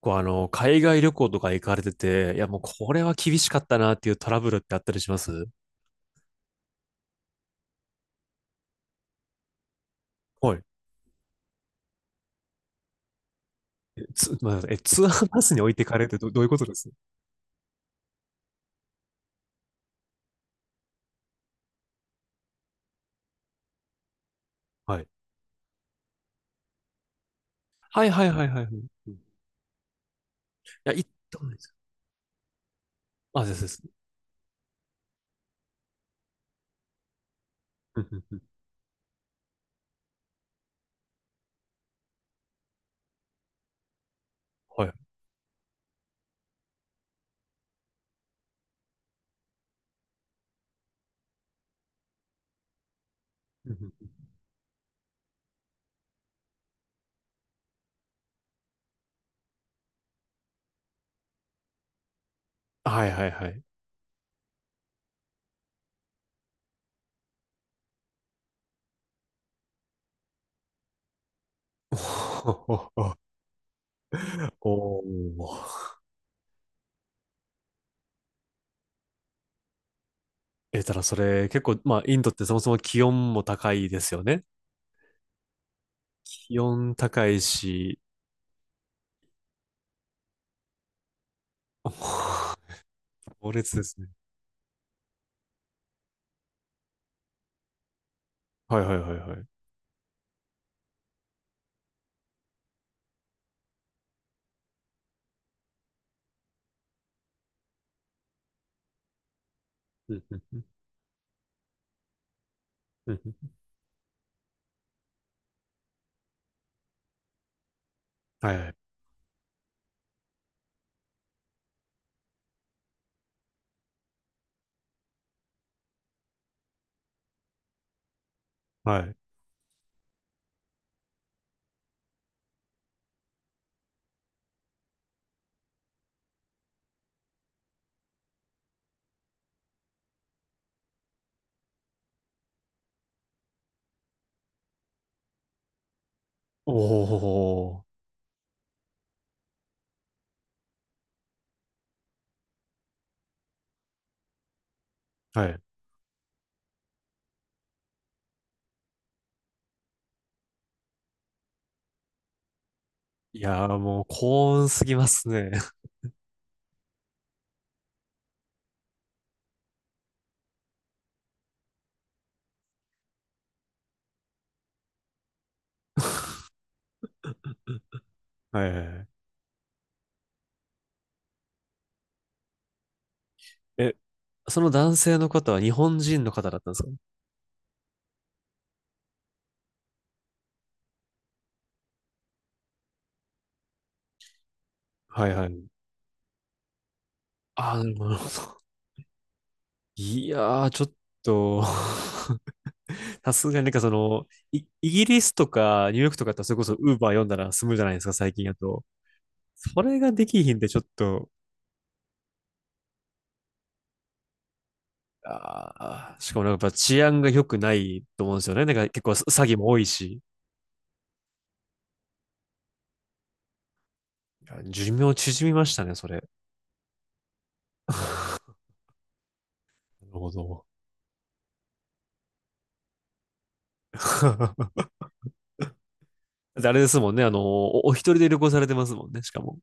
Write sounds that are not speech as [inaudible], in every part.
こう海外旅行とか行かれてて、いやもうこれは厳しかったなっていうトラブルってあったりします？はい。まあ、ツアーバスに置いてかれるってどういうことですはい。はいはいはいはいはい。うん、いや、行ったことないです。あ、ですです。うんうんうん、はい。うんうんうん、はいはいはい。[laughs] おおおー。ただそれ結構、まあ、インドってそもそも気温も高いですよね。気温高いし、[laughs] おー、猛烈ですね。はいはいはいはい。うんうんうんうんうん、はいはい。はい。おお、はい。いやー、もう幸運すぎますね。[laughs] はいはいはい。え、その男性の方は日本人の方だったんですか？はいはい。ああ、なるほど。いやー、ちょっと [laughs] さすがになんかその、イギリスとかニューヨークとかだってそれこそウーバー読んだら済むじゃないですか、最近やと。それができひんでちょっと、ああ、しかもなんかやっぱ治安が良くないと思うんですよね。なんか結構詐欺も多いし。いや、寿命縮みましたね、それ。[laughs] なるほど。[laughs] あれですもんね。お一人で旅行されてますもんね、しかも。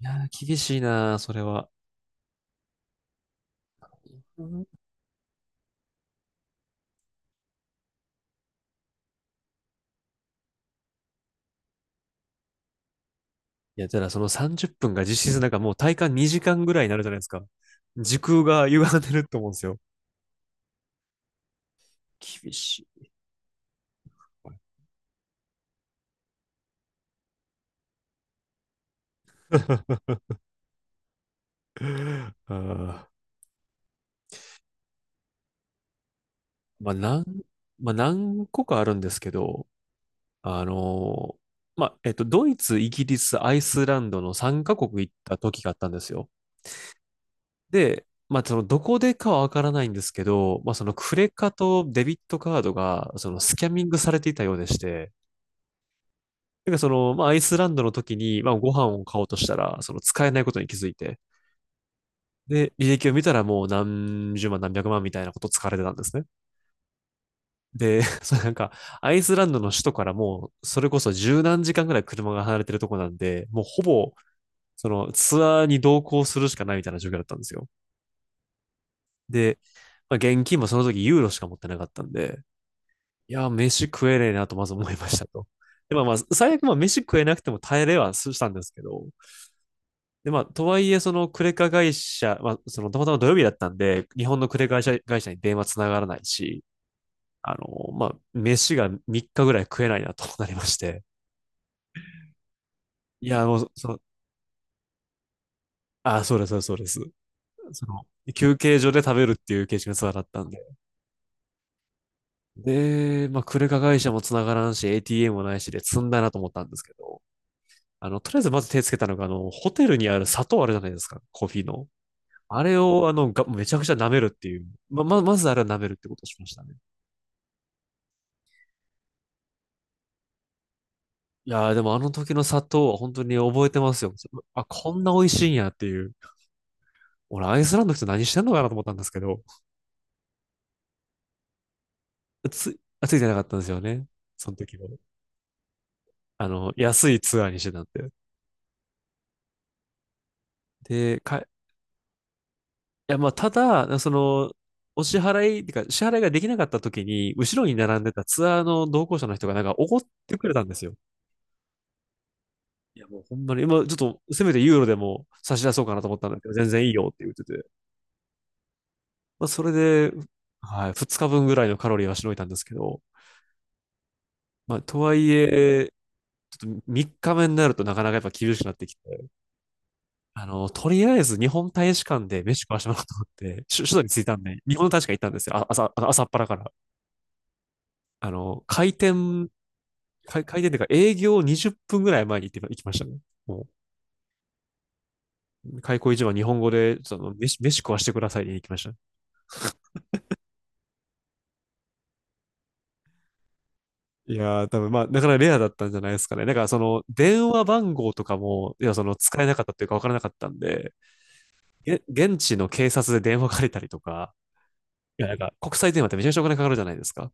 いやー、厳しいなそれは。うん、いや、ただその30分が実質なんかもう体感2時間ぐらいになるじゃないですか。時空が歪んでると思うんですよ。厳しい。[laughs] あーまあ、なん、まあ、何個かあるんですけど、あのーまあ、ドイツ、イギリス、アイスランドの3カ国行った時があったんですよ。で、まあ、その、どこでかはわからないんですけど、まあ、その、クレカとデビットカードが、その、スキャミングされていたようでして、なんかその、まあ、アイスランドの時に、まあ、ご飯を買おうとしたら、その、使えないことに気づいて、で、履歴を見たらもう何十万何百万みたいなこと使われてたんですね。で、[laughs] そのなんか、アイスランドの首都からもう、それこそ十何時間ぐらい車が離れてるとこなんで、もうほぼ、その、ツアーに同行するしかないみたいな状況だったんですよ。で、まあ、現金もその時ユーロしか持ってなかったんで、いや、飯食えねえなとまず思いましたと。[laughs] で、まあまあ、最悪まあ飯食えなくても耐えれはしたんですけど、で、まあ、とはいえ、そのクレカ会社、まあ、そのたまたま土曜日だったんで、日本のクレカ会社に電話つながらないし、まあ、飯が3日ぐらい食えないなとなりまして、いや、もう、その、あ、そうです、そうです、その、休憩所で食べるっていう形式のツアーだったんで、で、まあ、クレカ会社もつながらんし、ATM もないしで積んだなと思ったんですけど、とりあえずまず手つけたのが、ホテルにある砂糖あるじゃないですか、コーヒーの。あれを、めちゃくちゃ舐めるっていう。まずあれは舐めるってことをしましたね。いやー、でもあの時の砂糖は本当に覚えてますよ。あ、こんな美味しいんやっていう。俺、アイスランドの人何してんのかなと思ったんですけど、ついてなかったんですよね。その時も。安いツアーにしてたんで。で、いや、まあ、ただ、その、お支払い、ってか、支払いができなかった時に、後ろに並んでたツアーの同行者の人がなんか怒ってくれたんですよ。いや、もうほんまに、今、ちょっと、せめてユーロでも差し出そうかなと思ったんだけど、全然いいよって言ってて。まあ、それで、はい、2日分ぐらいのカロリーはしのいたんですけど、まあ、とはいえ、ちょっと3日目になるとなかなかやっぱ厳しくなってきて、とりあえず日本大使館で飯食わしてもらおうと思って、首都に着いたんで、日本の大使館行ったんですよ。朝っぱらから。あの、開店、開店っていうか営業20分ぐらい前に行って行きましたね。もう、開口一番日本語で、その、飯食わしてくださいに行きましたね。いやー、多分まあ、なかなかレアだったんじゃないですかね。だから、その、電話番号とかも、いや、その、使えなかったっていうか、分からなかったんで、現地の警察で電話借りたりとか、いや、なんか、国際電話ってめちゃめちゃお金かかるじゃないですか。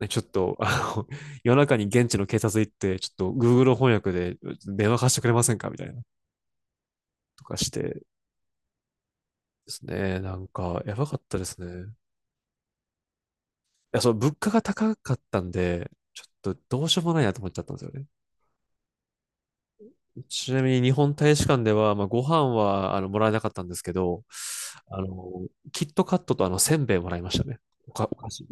ね、ちょっと、[laughs] 夜中に現地の警察行って、ちょっと、Google 翻訳で電話貸してくれませんかみたいな、とかしてですね。なんか、やばかったですね。いや、その、物価が高かったんで、ちょっと、どうしようもないなと思っちゃったんですよね。ちなみに日本大使館では、まあ、ご飯はもらえなかったんですけど、あの、キットカットとせんべいもらいましたね。お菓子。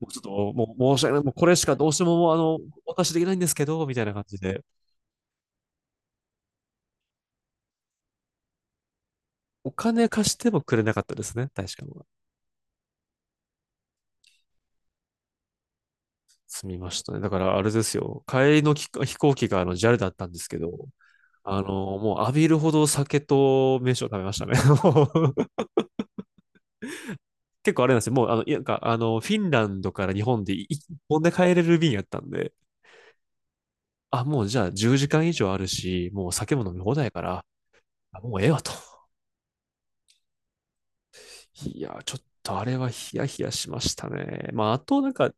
もうちょっと、もう申し訳ない。もうこれしかどうしてももうお渡しできないんですけど、みたいな感じで。お金貸してもくれなかったですね、大使館は。済みましたね。だからあれですよ。帰りの飛行機がジ a ルだったんですけど、もう浴びるほど酒と飯を食べましたね。もう [laughs] 結構あれなんですよ。もう、いやなんか、フィンランドから日本で一本で帰れる便やったんで、あ、もうじゃあ10時間以上あるし、もう酒も飲み放題やから、もうええわと。いや、ちょっとあれはヒヤヒヤしましたね。まあ、あとなんか、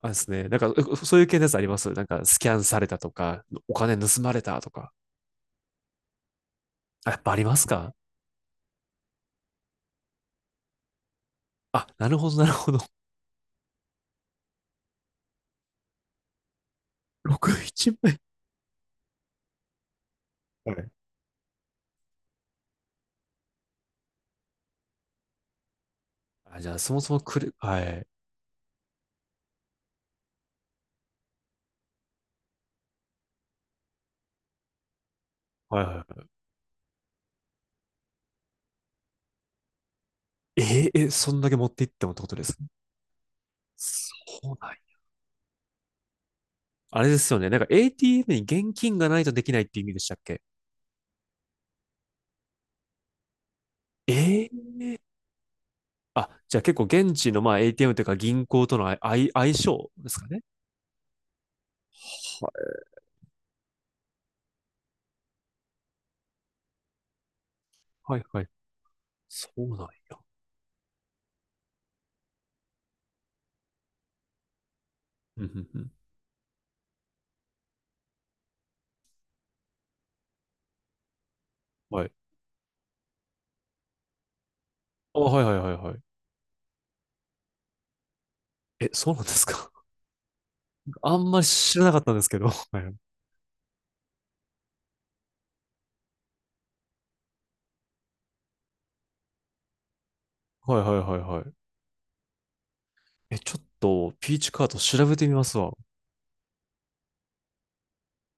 あれですね、なんかそういう系のやつあります？なんかスキャンされたとか、お金盗まれたとか。あ、やっぱありますか？あ、なるほど、なるほど。[laughs] 61枚。はい。あ、じゃあそもそもはい。はいはいはい。えーえ、そんだけ持っていってもってことですか？そうなんや。あれですよね。なんか ATM に現金がないとできないって意味でしたっけ？ええ、あ、じゃあ結構現地のまあ ATM というか銀行とのあい相相性ですかね。はいはいはい。そうなんや。うんうんうん。はい。あ、はいはいはいはい。え、そうなんですか？[laughs] あんまり知らなかったんですけど。はいはいはいはいはい。え、ちょっとピーチカート調べてみますわ。